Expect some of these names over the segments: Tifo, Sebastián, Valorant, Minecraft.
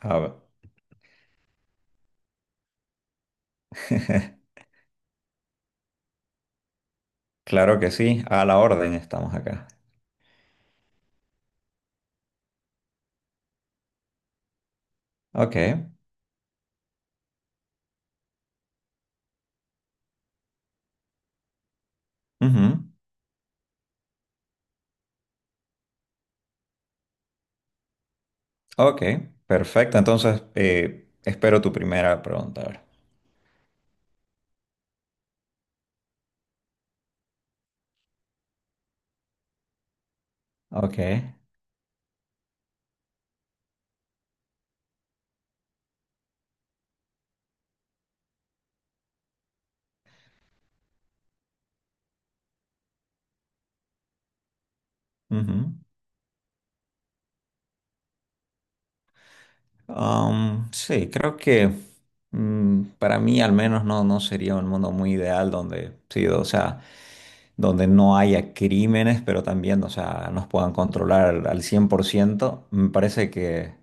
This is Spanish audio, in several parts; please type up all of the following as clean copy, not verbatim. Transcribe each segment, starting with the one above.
A ver. Claro que sí, a la orden estamos acá. Ok. Ujú. Ok. Perfecto. Entonces, espero tu primera pregunta ahora. Ok. Ujú. Sí, creo que para mí al menos no, no sería un mundo muy ideal donde, sí, o sea, donde no haya crímenes, pero también, o sea, nos puedan controlar al 100%. Me parece que...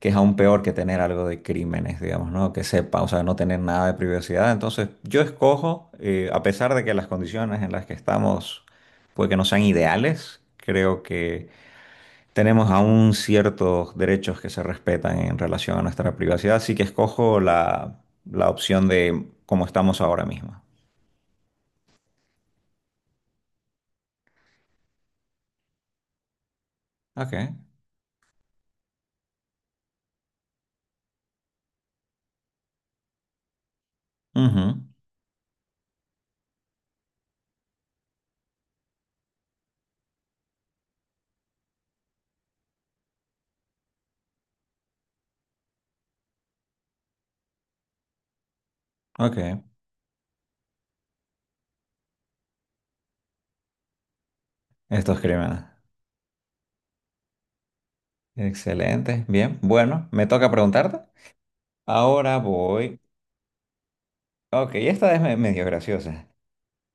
que es aún peor que tener algo de crímenes, digamos, ¿no? Que sepa, o sea, no tener nada de privacidad. Entonces, yo escojo, a pesar de que las condiciones en las que estamos, pues que no sean ideales, creo que tenemos aún ciertos derechos que se respetan en relación a nuestra privacidad, así que escojo la opción de cómo estamos ahora mismo. Ok. Ujú. Ok. Estos crímenes. Excelente, bien, bueno, me toca preguntarte. Ahora voy. Ok, esta es medio graciosa.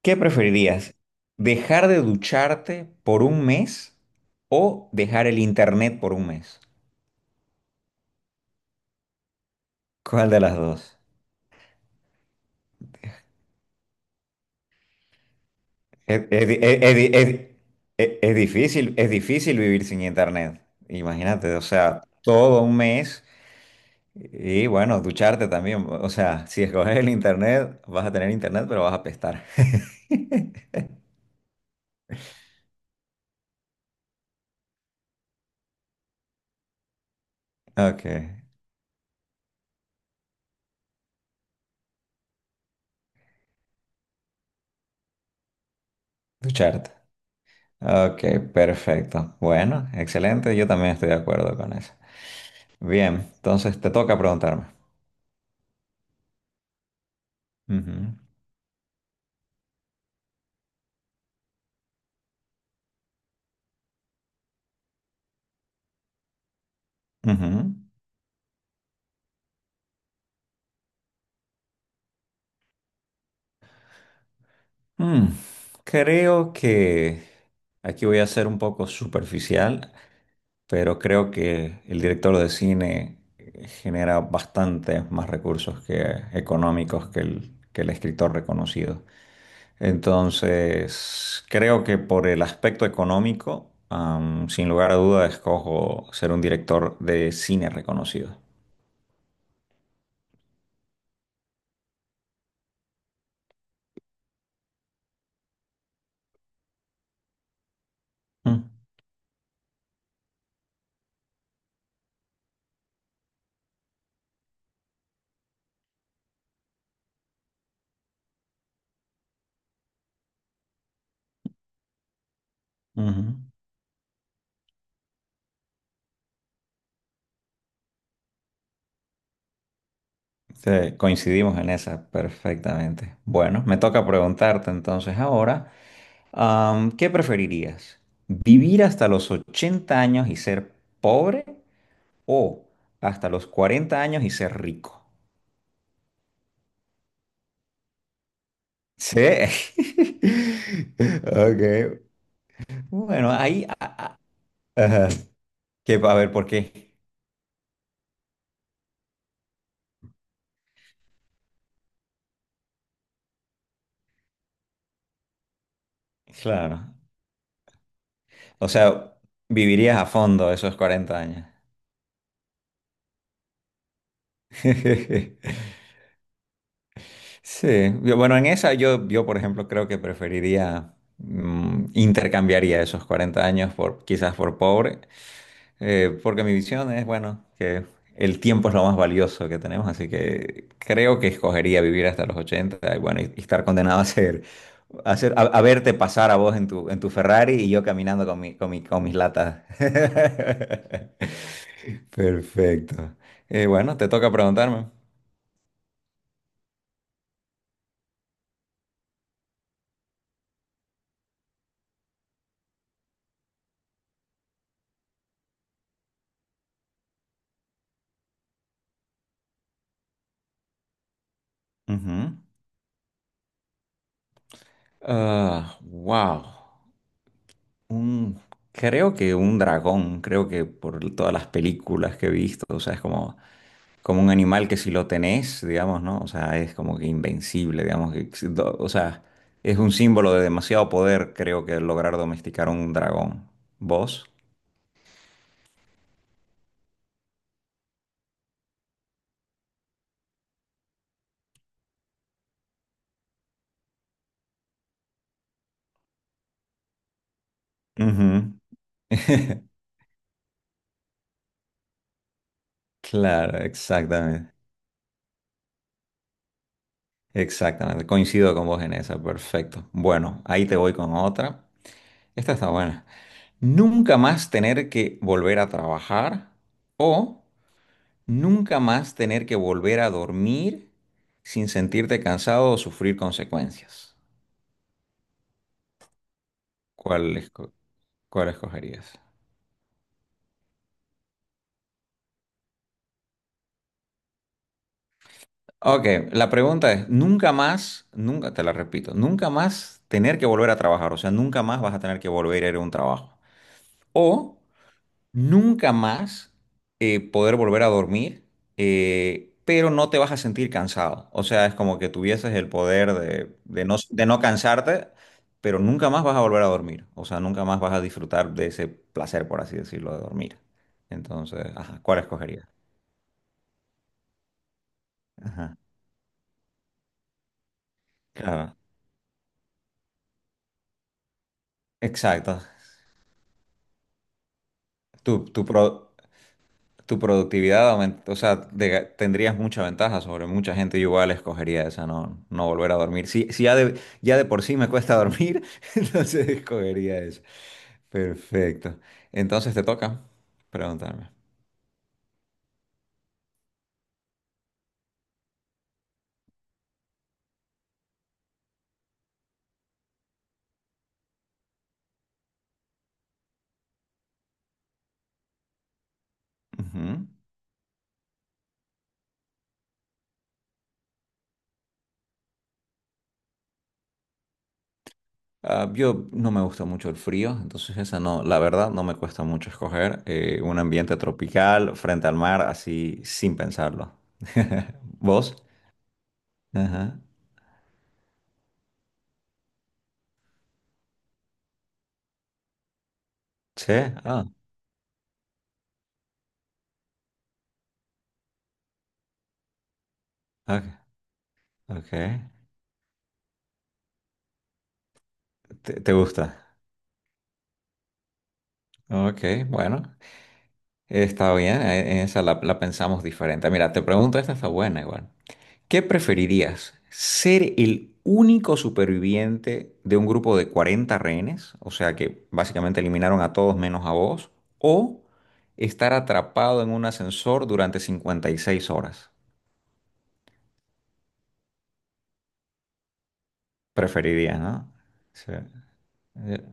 ¿Qué preferirías? ¿Dejar de ducharte por un mes o dejar el internet por un mes? ¿Cuál de las dos? Es, es di- es- es di- es di- es difícil vivir sin internet. Imagínate, o sea, todo un mes y bueno, ducharte también. O sea, si escoges el internet, vas a tener internet, pero vas a apestar. Ok, ducharte. Ok, perfecto. Bueno, excelente. Yo también estoy de acuerdo con eso. Bien, entonces te toca preguntarme. Ujú. Ujú. Mm. Creo que aquí voy a ser un poco superficial, pero creo que el director de cine genera bastantes más recursos que económicos que el escritor reconocido. Entonces, creo que por el aspecto económico, sin lugar a duda, escojo ser un director de cine reconocido. Mm. Ujú. Sí, coincidimos en esa perfectamente. Bueno, me toca preguntarte entonces ahora, ¿qué preferirías? ¿Vivir hasta los 80 años y ser pobre o hasta los 40 años y ser rico? Sí. Ok. Bueno, ahí, ajá. Que, a ver, ¿por qué? Claro. O sea, vivirías a fondo esos 40 años. Sí, bueno, en esa por ejemplo, creo que preferiría, intercambiaría esos 40 años por quizás por pobre, porque mi visión es, bueno, que el tiempo es lo más valioso que tenemos, así que creo que escogería vivir hasta los 80 y bueno, y estar condenado a verte pasar a vos en tu Ferrari y yo caminando con con mis latas. Perfecto. Bueno, te toca preguntarme. Ujú. Ah, wow. Un, creo que un dragón, creo que por todas las películas que he visto, o sea, es como, como un animal que si lo tenés, digamos, ¿no? O sea, es como que invencible, digamos, que, si do- o sea, es un símbolo de demasiado poder, creo que lograr domesticar un dragón. ¿Vos? Ujú. Claro, exactamente. Exactamente. Coincido con vos en esa. Perfecto. Bueno, ahí te voy con otra. Esta está buena. Nunca más tener que volver a trabajar o nunca más tener que volver a dormir sin sentirte cansado o sufrir consecuencias. ¿Cuál, esco- cuál escogerías? Ok, la pregunta es, nunca más, nunca, te la repito, nunca más tener que volver a trabajar, o sea, nunca más vas a tener que volver a ir a un trabajo. O nunca más poder volver a dormir, pero no te vas a sentir cansado. O sea, es como que tuvieses el poder de no cansarte, pero nunca más vas a volver a dormir. O sea, nunca más vas a disfrutar de ese placer, por así decirlo, de dormir. Entonces, ajá, ¿cuál escogerías? Ajá, claro. Exacto. Tu, tu pro- Tu productividad aumenta, o sea, de- tendrías mucha ventaja sobre mucha gente. Yo igual escogería esa, no, no volver a dormir. Si, si ya de, ya de por sí me cuesta dormir, entonces escogería eso. Perfecto. Entonces te toca preguntarme. Ujú. Ah, yo no me gusta mucho el frío, entonces esa no, la verdad no me cuesta mucho escoger un ambiente tropical frente al mar, así sin pensarlo. ¿Vos? Ajá. Sí. Ah. Ok. Ok. ¿Te gusta? Ok, bueno, está bien, en esa la pensamos diferente. Mira, te pregunto, esta está buena igual. ¿Qué preferirías? ¿Ser el único superviviente de un grupo de 40 rehenes? O sea que básicamente eliminaron a todos menos a vos. ¿O estar atrapado en un ascensor durante 56 horas? Preferirías, ¿no? Sí. eh,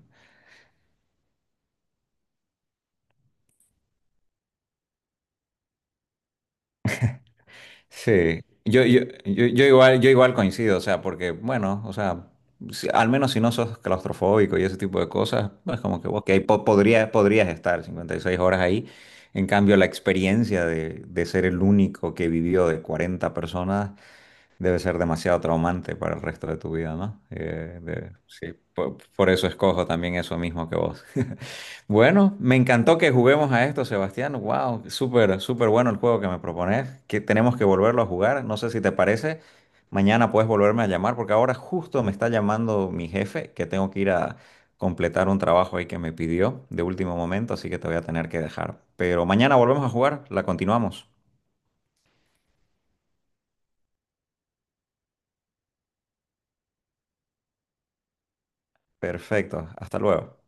Sí, yo igual coincido, o sea, porque, bueno, o sea, al menos si no sos claustrofóbico y ese tipo de cosas, pues como que, ok, podrías estar 56 horas ahí. En cambio, la experiencia de ser el único que vivió de 40 personas debe ser demasiado traumante para el resto de tu vida, ¿no? Sí, por eso escojo también eso mismo que vos. Bueno, me encantó que juguemos a esto, Sebastián. Wow, súper, súper bueno el juego que me propones. Que tenemos que volverlo a jugar. No sé si te parece. Mañana puedes volverme a llamar porque ahora justo me está llamando mi jefe que tengo que ir a completar un trabajo ahí que me pidió de último momento, así que te voy a tener que dejar. Pero mañana volvemos a jugar, la continuamos. Perfecto, hasta luego.